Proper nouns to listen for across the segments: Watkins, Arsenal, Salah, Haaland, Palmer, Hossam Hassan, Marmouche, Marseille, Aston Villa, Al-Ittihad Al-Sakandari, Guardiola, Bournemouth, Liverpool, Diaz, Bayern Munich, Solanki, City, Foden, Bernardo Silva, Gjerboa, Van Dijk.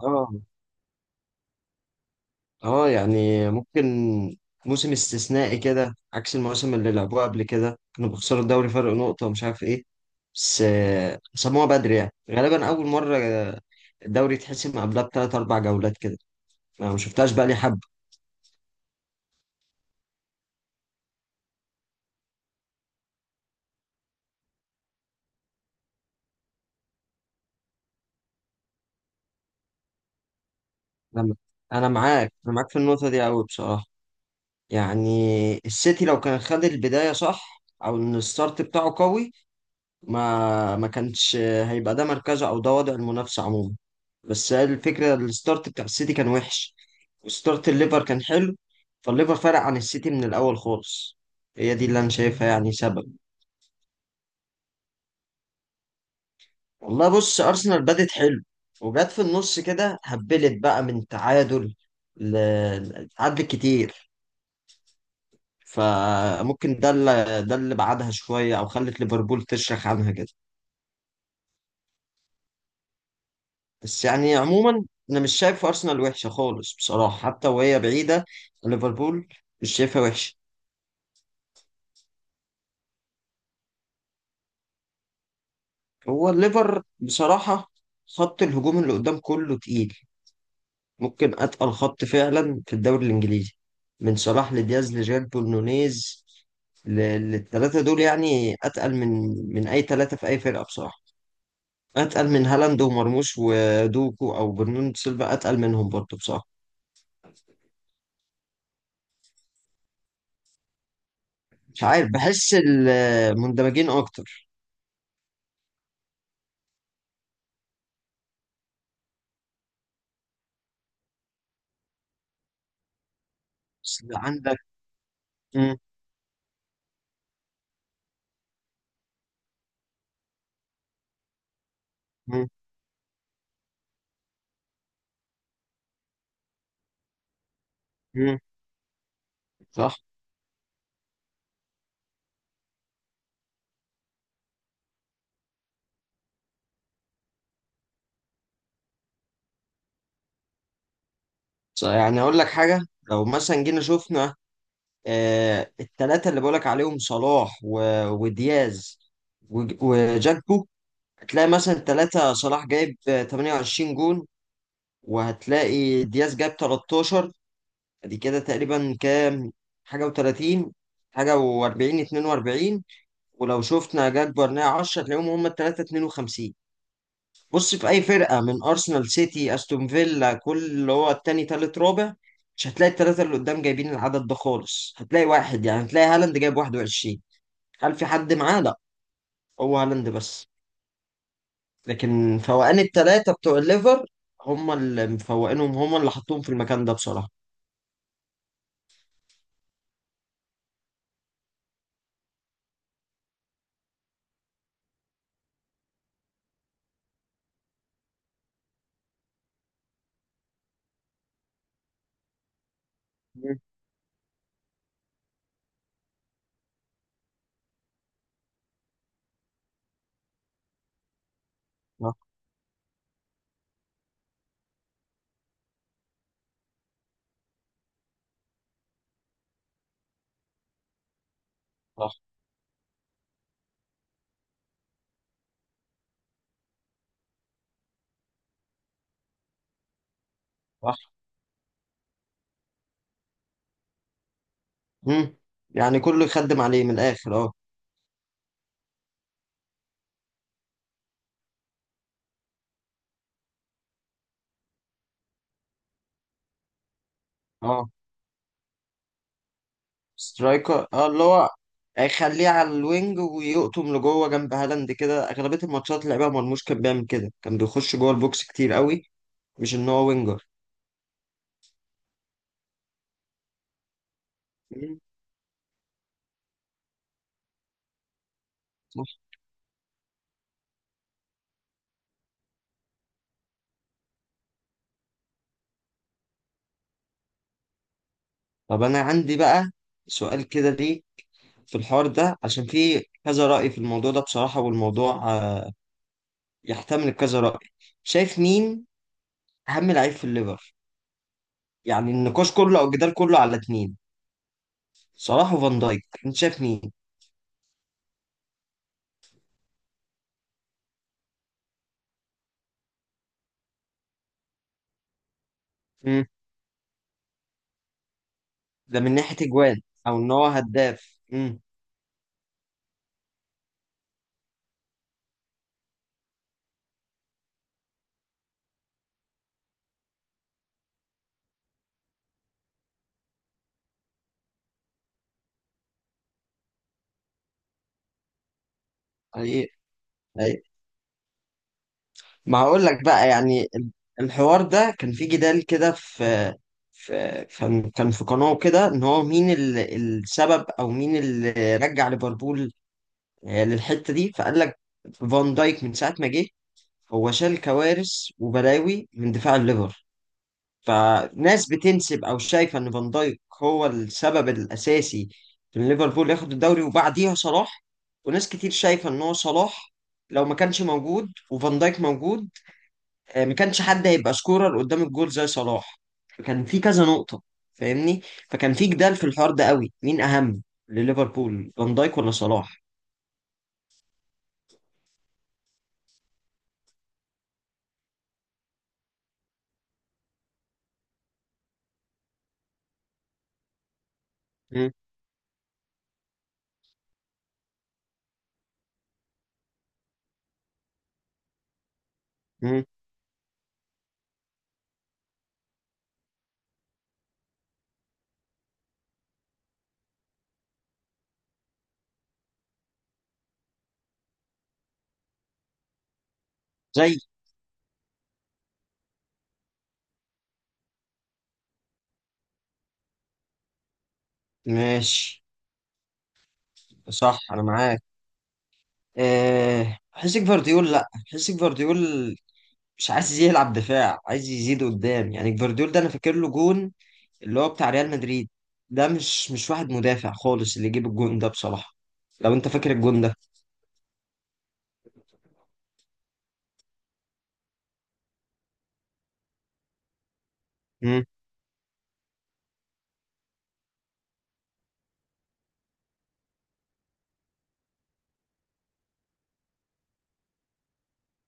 اه. اه، يعني ممكن. موسم استثنائي كده عكس المواسم اللي لعبوها قبل كده، كانوا بيخسروا الدوري فرق نقطة ومش عارف ايه. بس سموها بدري، يعني غالبا أول مرة الدوري يتحسم قبلها بتلات أربع جولات كده. أنا ما شفتهاش بقالي حبة. أنا أنا معاك، أنا معاك في النقطة دي أوي بصراحة. يعني السيتي لو كان خد البداية صح، أو إن الستارت بتاعه قوي، ما كانش هيبقى ده مركزه أو ده وضع المنافسة عموما. بس هي الفكرة، الستارت بتاع السيتي كان وحش وستارت الليفر كان حلو، فالليفر فرق عن السيتي من الأول خالص. هي دي اللي أنا شايفها يعني سبب. والله بص، أرسنال بدت حلو، وجت في النص كده هبلت بقى من تعادل تعادل كتير. فممكن ده اللي بعدها شوية أو خلت ليفربول تشرخ عنها كده. بس يعني عموما، أنا مش شايف أرسنال وحشة خالص بصراحة، حتى وهي بعيدة عن ليفربول، مش شايفها وحشة. هو الليفر بصراحة خط الهجوم اللي قدام كله تقيل، ممكن أتقل خط فعلا في الدوري الإنجليزي. من صلاح لدياز لجيربو لنونيز، للثلاثة دول، يعني أتقل من من أي ثلاثة في أي فرقة بصراحة. أتقل من هالاند ومرموش ودوكو أو برناردو سيلفا، أتقل منهم برضه بصراحة. مش عارف، بحس المندمجين أكتر. بس عندك. مم. مم. مم. صح. صح، يعني أقول لك حاجة. لو مثلا جينا شفنا الثلاثه اللي بقولك عليهم، صلاح ودياز وجاكبو، هتلاقي مثلا الثلاثه صلاح جايب 28 جون، وهتلاقي دياز جايب 13. ادي كده تقريبا كام، حاجه و30، حاجه و40، 42. ولو شفنا جاكبو ارناء 10، هتلاقيهم هم الثلاثه 52. بص، في اي فرقه من ارسنال، سيتي، استون فيلا، كل اللي هو التاني تالت رابع، مش هتلاقي الثلاثه اللي قدام جايبين العدد ده خالص. هتلاقي واحد، يعني هتلاقي هالاند جايب 21، هل في حد معاه؟ لا، هو هالاند بس. لكن فوقان التلاتة بتوع الليفر، هم اللي مفوقينهم، هم اللي حطوهم في المكان ده بصراحة. مم. صح. صح. صح. مم. يعني كله يخدم عليه من الآخر، اه. اه سترايكر، اه اللي هو هيخليه على الوينج ويقطم لجوه جنب هالاند كده. أغلبية الماتشات اللي لعبها مرموش كان بيعمل كده، كان بيخش جوه البوكس كتير قوي، مش إن هو وينجر. مم. صح. طب أنا عندي بقى سؤال كده، ليه في الحوار ده؟ عشان في كذا رأي في الموضوع ده بصراحة، والموضوع يحتمل كذا رأي. شايف مين أهم لعيب في الليفر؟ يعني النقاش كله أو الجدال كله على اتنين، صلاح وفان دايك. أنت شايف مين؟ مم. ده من ناحية أجوان أو إن هو هداف. مم. أي. أي. ما هقول لك بقى، يعني الحوار ده كان في جدال كده، في كان كان في قناة كده، إن هو مين السبب أو مين اللي رجع ليفربول للحته دي. فقال لك فان دايك من ساعه ما جه، هو شال كوارث وبلاوي من دفاع الليفر. فناس بتنسب او شايفه ان فان دايك هو السبب الاساسي في ان ليفربول ياخد الدوري، وبعديها صلاح. وناس كتير شايفه ان هو صلاح لو ما كانش موجود وفان دايك موجود، ما كانش حد هيبقى سكورر قدام الجول زي صلاح. فكان في كذا نقطه، فاهمني، فكان في جدال في الحوار ده قوي، مين اهم لليفربول، فان دايك ولا صلاح؟ مم. مم. زي. ماشي. صح، انا معاك. أه، بحس جفارديول، لا بحس جفارديول مش عايز يلعب دفاع، عايز يزيد قدام. يعني جفارديول ده انا فاكر له جون، اللي هو بتاع ريال مدريد، ده مش واحد مدافع خالص اللي يجيب الجون ده بصراحة، لو انت فاكر الجون ده. امم.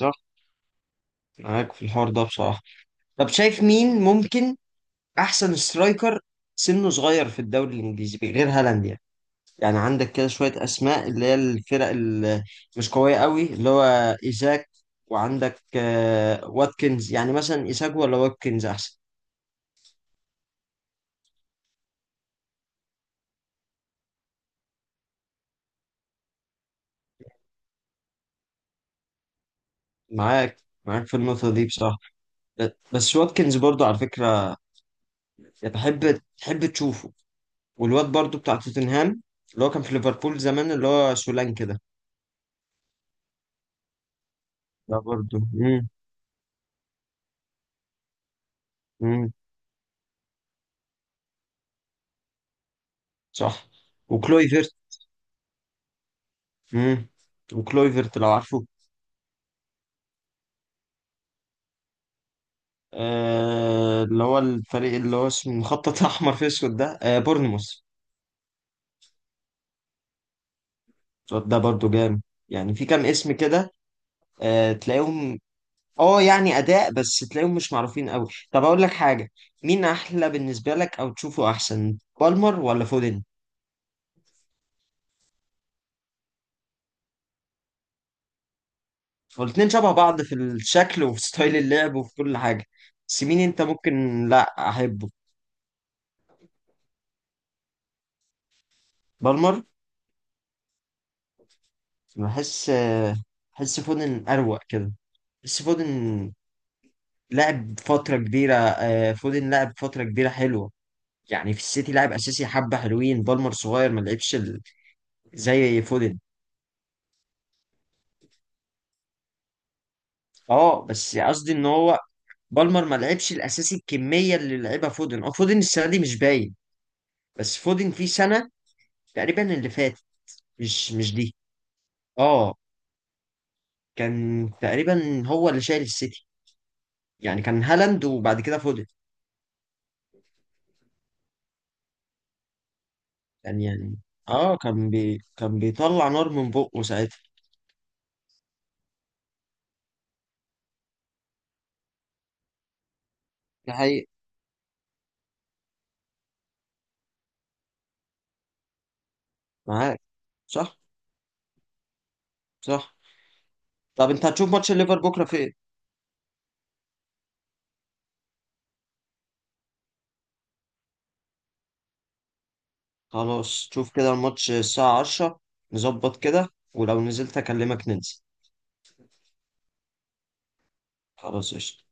صح، معاك في الحوار ده بصراحة. طب شايف مين ممكن احسن سترايكر سنه صغير في الدوري الانجليزي غير هالاند يعني؟ يعني عندك كده شوية أسماء، اللي هي الفرق اللي مش قوية قوي، اللي هو إيزاك، وعندك واتكنز. يعني مثلا إيزاك ولا واتكنز أحسن؟ معاك، معاك في النقطة دي بصراحة. بس واتكنز برضو على فكرة بحب تحب تشوفه، والواد برضو بتاع توتنهام اللي هو كان في ليفربول زمان، اللي هو سولانكي ده. ده برضو. مم. مم. صح. وكلويفرت. مم. وكلويفرت، لو عارفه، اللي هو الفريق اللي هو اسمه مخطط احمر في اسود ده، بورنموث. الواد ده برضو جامد. يعني في كام اسم كده، تلاقيهم. اه يعني اداء، بس تلاقيهم مش معروفين قوي. طب اقول لك حاجه، مين احلى بالنسبه لك او تشوفه احسن، بالمر ولا فودن؟ والاتنين شبه بعض في الشكل وفي ستايل اللعب وفي كل حاجه، بس مين انت ممكن لا احبه؟ بالمر. بحس آه، بحس فودن اروق كده. بحس فودن لعب فترة كبيرة حلوة. يعني في السيتي لعب أساسي حبة حلوين. بالمر صغير، ما لعبش زي فودن. اه، بس قصدي إن هو بالمر ما لعبش الأساسي الكمية اللي لعبها فودن. اه فودن السنة دي مش باين، بس فودن في سنة تقريبا اللي فاتت. مش دي. اه، كان تقريبا هو اللي شايل السيتي، يعني كان هالاند وبعد كده فودن. كان يعني اه، كان بيطلع نار من بقه ساعتها. ده حقيقي. معاك. صح. صح. طب انت هتشوف ماتش الليفر بكره في ايه؟ خلاص، شوف كده الماتش الساعه 10، نظبط كده، ولو نزلت اكلمك ننزل. خلاص، قشطة.